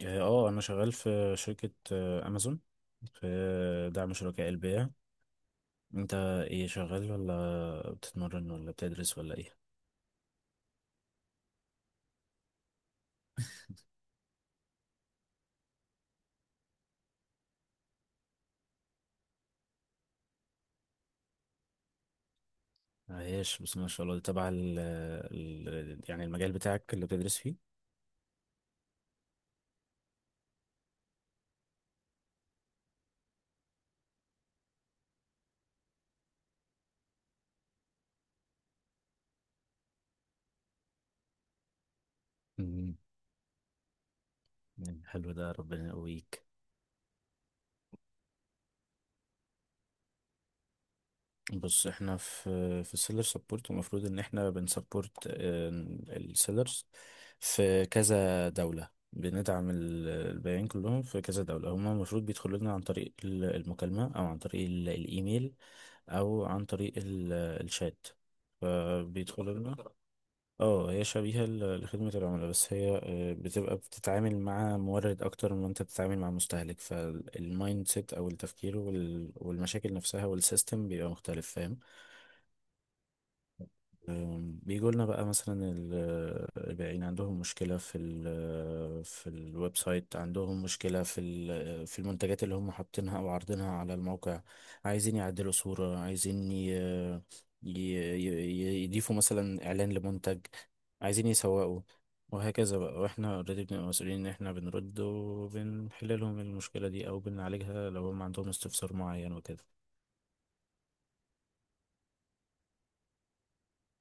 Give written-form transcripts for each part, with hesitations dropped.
اه انا شغال في شركة امازون في دعم شركاء البيع. انت ايه شغال ولا بتتمرن ولا بتدرس ولا ايه؟ عايش بس ما شاء الله. ده تبع يعني المجال بتاعك اللي بتدرس فيه. مم. يعني حلو ده، ربنا يقويك. بص، احنا في السيلر سبورت، المفروض ان احنا بنسبورت السيلرز في كذا دولة، بندعم البياعين كلهم في كذا دولة. هما المفروض بيدخلوا لنا عن طريق المكالمة او عن طريق الايميل او عن طريق الشات، فبيدخلوا لنا. اه، هي شبيهة لخدمة العملاء، بس هي بتبقى بتتعامل مع مورد اكتر من ما انت بتتعامل مع مستهلك، فالمايند سيت او التفكير والمشاكل نفسها والسيستم بيبقى مختلف، فاهم. بيجوا لنا بقى مثلا البائعين عندهم مشكلة في ال آه، في الويب سايت، عندهم مشكلة في في المنتجات اللي هم حاطينها أو عارضينها على الموقع، عايزين يعدلوا صورة، عايزين يضيفوا مثلا إعلان لمنتج، عايزين يسوقوا، وهكذا بقى. واحنا اوريدي بنبقى مسؤولين ان احنا بنرد وبنحل لهم المشكلة دي او بنعالجها، لو هم عندهم استفسار معين وكده.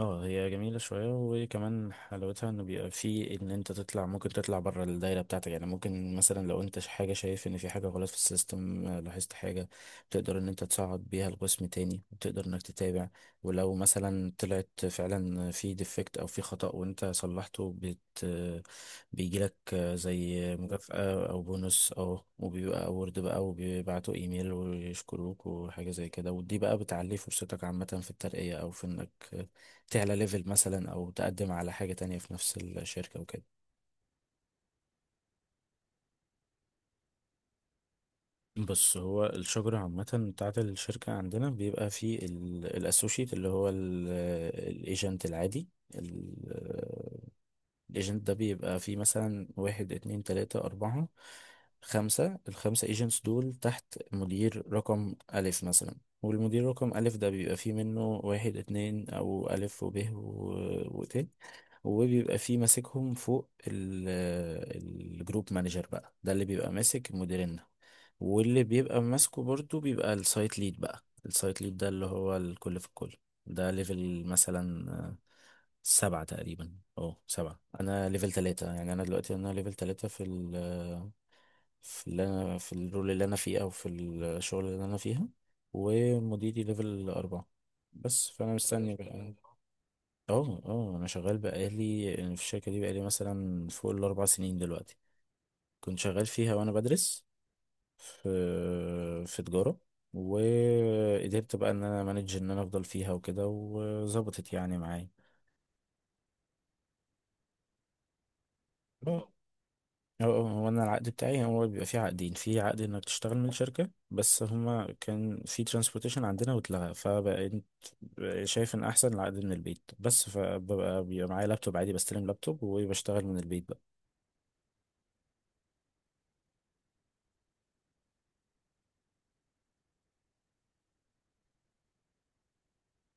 اه هي جميلة شوية، وكمان حلاوتها انه بيبقى في ان انت تطلع، ممكن تطلع بره الدايرة بتاعتك. يعني ممكن مثلا لو انت حاجة، شايف ان في حاجة غلط في السيستم، لاحظت حاجة، بتقدر ان انت تصعد بيها القسم تاني وتقدر انك تتابع. ولو مثلا طلعت فعلا في ديفكت او في خطأ وانت صلحته، بيجيلك زي مكافأة او بونص، وبيبقى اورد بقى، وبيبعتوا ايميل ويشكروك وحاجة زي كده. ودي بقى بتعلي فرصتك عامة في الترقية او في انك تعلى ليفل مثلا او تقدم على حاجة تانية في نفس الشركة وكده. بص، هو الشجرة عامة بتاعة الشركة عندنا بيبقى فيه الاسوشيت اللي هو الايجنت العادي. الايجنت ده بيبقى فيه مثلا واحد اتنين تلاتة أربعة خمسة، الخمسة ايجنتس دول تحت مدير رقم ألف مثلا. والمدير رقم ألف ده بيبقى فيه منه واحد اتنين أو ألف، وب و... وت وبيبقى فيه ماسكهم فوق الجروب مانجر بقى، ده اللي بيبقى ماسك المديرين. واللي بيبقى ماسكه برضو بيبقى السايت ليد، بقى السايت ليد ده اللي هو الكل في الكل. ده ليفل مثلا سبعة تقريبا، سبعة. انا ليفل تلاتة، يعني انا دلوقتي انا ليفل تلاتة في ال آه، في اللي انا في الرول اللي انا فيه او في الشغل اللي انا فيها. ومديري ليفل اربعة، بس فانا مستني بقى. اه اه، انا شغال بقالي يعني في الشركة دي بقالي مثلا فوق الاربع سنين دلوقتي. كنت شغال فيها وانا بدرس في تجارة، وقدرت بقى ان انا مانج ان انا افضل فيها وكده، وظبطت يعني معايا. اه اه اه، هو انا العقد بتاعي هو بيبقى فيه عقدين، في عقد انك تشتغل من شركة، بس هما كان في ترانسبورتيشن عندنا واتلغى، فبقيت شايف ان احسن العقد من البيت بس. بيبقى معايا لابتوب عادي، بستلم لابتوب وبشتغل من البيت.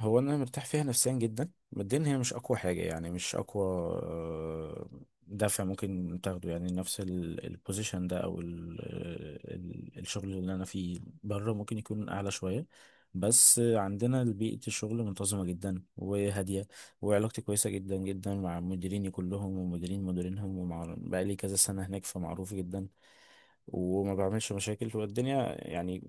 هو انا مرتاح فيها نفسيا جدا. ماديا هي مش اقوى حاجه، يعني مش اقوى آه، دافع ممكن تاخده، يعني نفس البوزيشن ده او ال آه، ال الشغل اللي انا فيه بره ممكن يكون اعلى شويه. بس عندنا بيئه الشغل منتظمه جدا وهاديه، وعلاقتي كويسه جدا جدا مع مديريني كلهم ومديرين مديرينهم، ومع بقالي كذا سنه هناك، فمعروف جدا وما بعملش مشاكل والدنيا يعني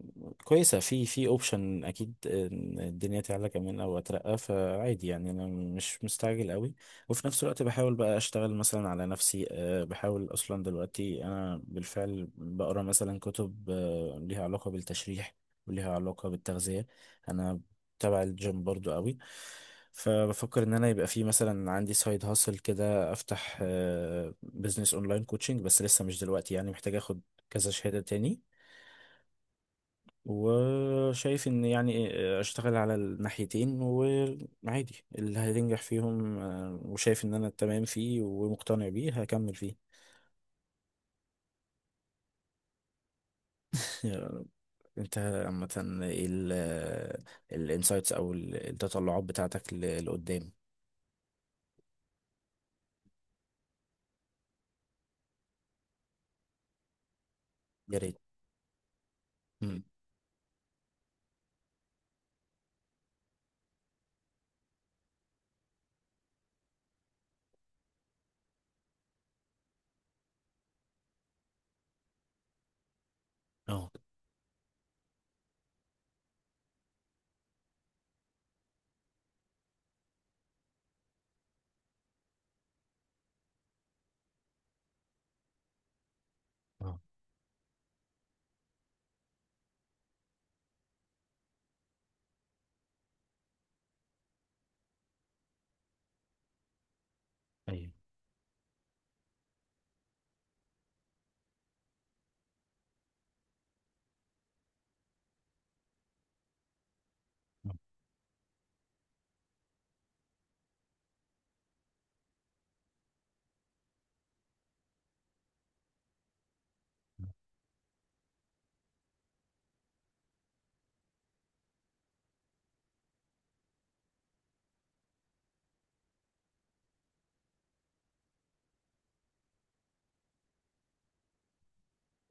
كويسة. في اوبشن اكيد إن الدنيا تعلى كمان او اترقى، فعادي يعني انا مش مستعجل قوي. وفي نفس الوقت بحاول بقى اشتغل مثلا على نفسي، بحاول اصلا دلوقتي انا بالفعل بقرا مثلا كتب ليها علاقة بالتشريح وليها علاقة بالتغذية. انا تبع الجيم برضو قوي، فبفكر ان انا يبقى في مثلا عندي سايد هاسل كده، افتح بزنس اونلاين كوتشنج، بس لسه مش دلوقتي، يعني محتاج اخد كذا شهادة تاني. وشايف ان يعني اشتغل على الناحيتين وعادي اللي هينجح فيهم، وشايف ان انا تمام فيه ومقتنع بيه هكمل فيه. انت عامة ايه الانسايتس او التطلعات بتاعتك لقدام؟ يا ريت. مم. اه اه، ايوه.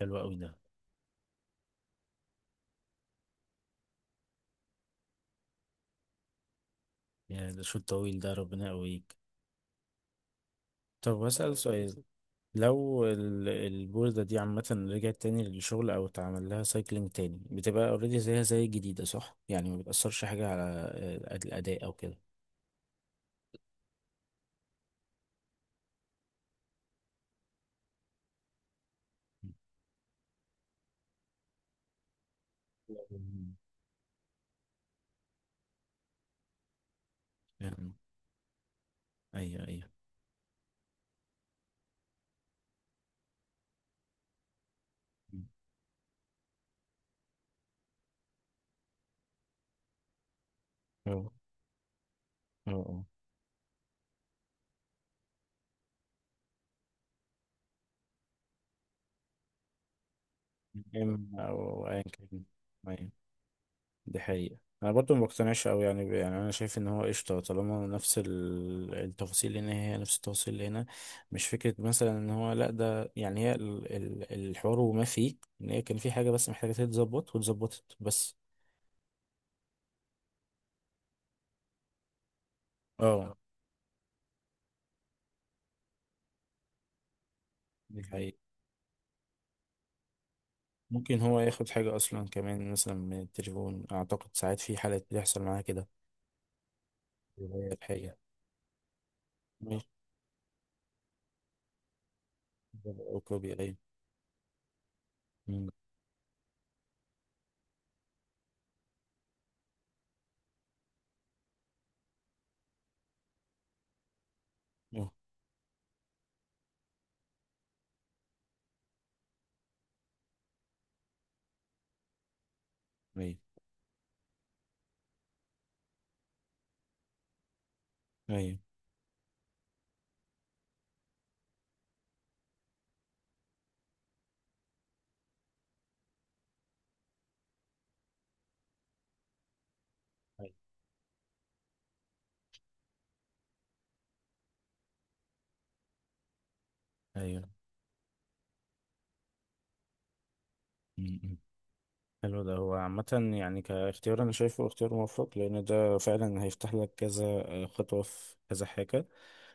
حلو قوي ده، يا ده شوط طويل، ده ربنا يقويك. طب هسأل سؤال، لو البوردة دي عامة رجعت تاني للشغل أو اتعمل لها سايكلينج تاني، بتبقى اوريدي زيها زي الجديدة صح؟ يعني ما بتأثرش حاجة على الأداء أو كده. مم. فاهم. أيوه أيوه. أه أه أه. أو أيا كان. دي حقيقة. انا برضو ما بقتنعش قوي، يعني يعني انا شايف ان هو قشطة، طالما نفس التفاصيل اللي هنا هي نفس التفاصيل اللي هنا. مش فكرة مثلا ان هو لا ده، يعني هي الحوار، وما فيه ان هي كان في حاجة بس محتاجة تتظبط واتظبطت بس. اه، دي حقيقة. ممكن هو ياخد حاجة اصلا كمان مثلا من التليفون، اعتقد ساعات في حالات بيحصل معاها كده. وهي الحقيقة، ماشي. او كوبي، ايوه. أمم. أه. ايوه ايوه ايوه. أيوة. أمم. حلو ده. هو عامة يعني كاختيار، أنا شايفه اختيار موفق، لأن ده فعلا هيفتح لك كذا خطوة في كذا حاجة.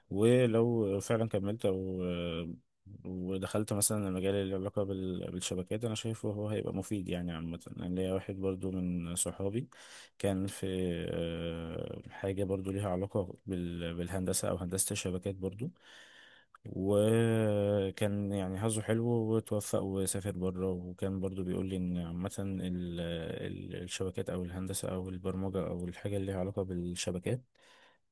ولو فعلا كملت أو ودخلت مثلا المجال اللي له علاقة بالشبكات، أنا شايفه هو هيبقى مفيد. يعني عامة أنا ليا واحد برضو من صحابي كان في حاجة برضو ليها علاقة بالهندسة أو هندسة الشبكات برضو. وكان يعني حظه حلو وتوفق وسافر بره، وكان برضو بيقول لي ان عامة الشبكات او الهندسة او البرمجة او الحاجة اللي ليها علاقة بالشبكات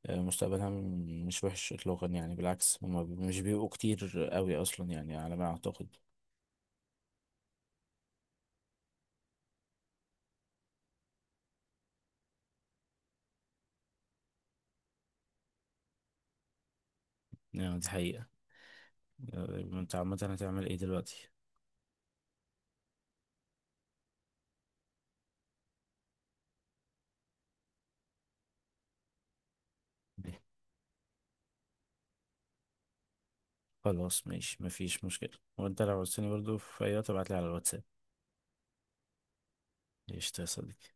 مستقبلها مش وحش اطلاقا، يعني بالعكس. هما مش بيبقوا كتير قوي اصلا يعني على ما اعتقد. يعني دي حقيقة. انت عامة هتعمل ايه دلوقتي؟ إيه، خلاص ماشي، مفيش مشكلة. وانت لو عاوزتني برضو في اي وقت ابعتلي على الواتساب. قشطة يا صديقي.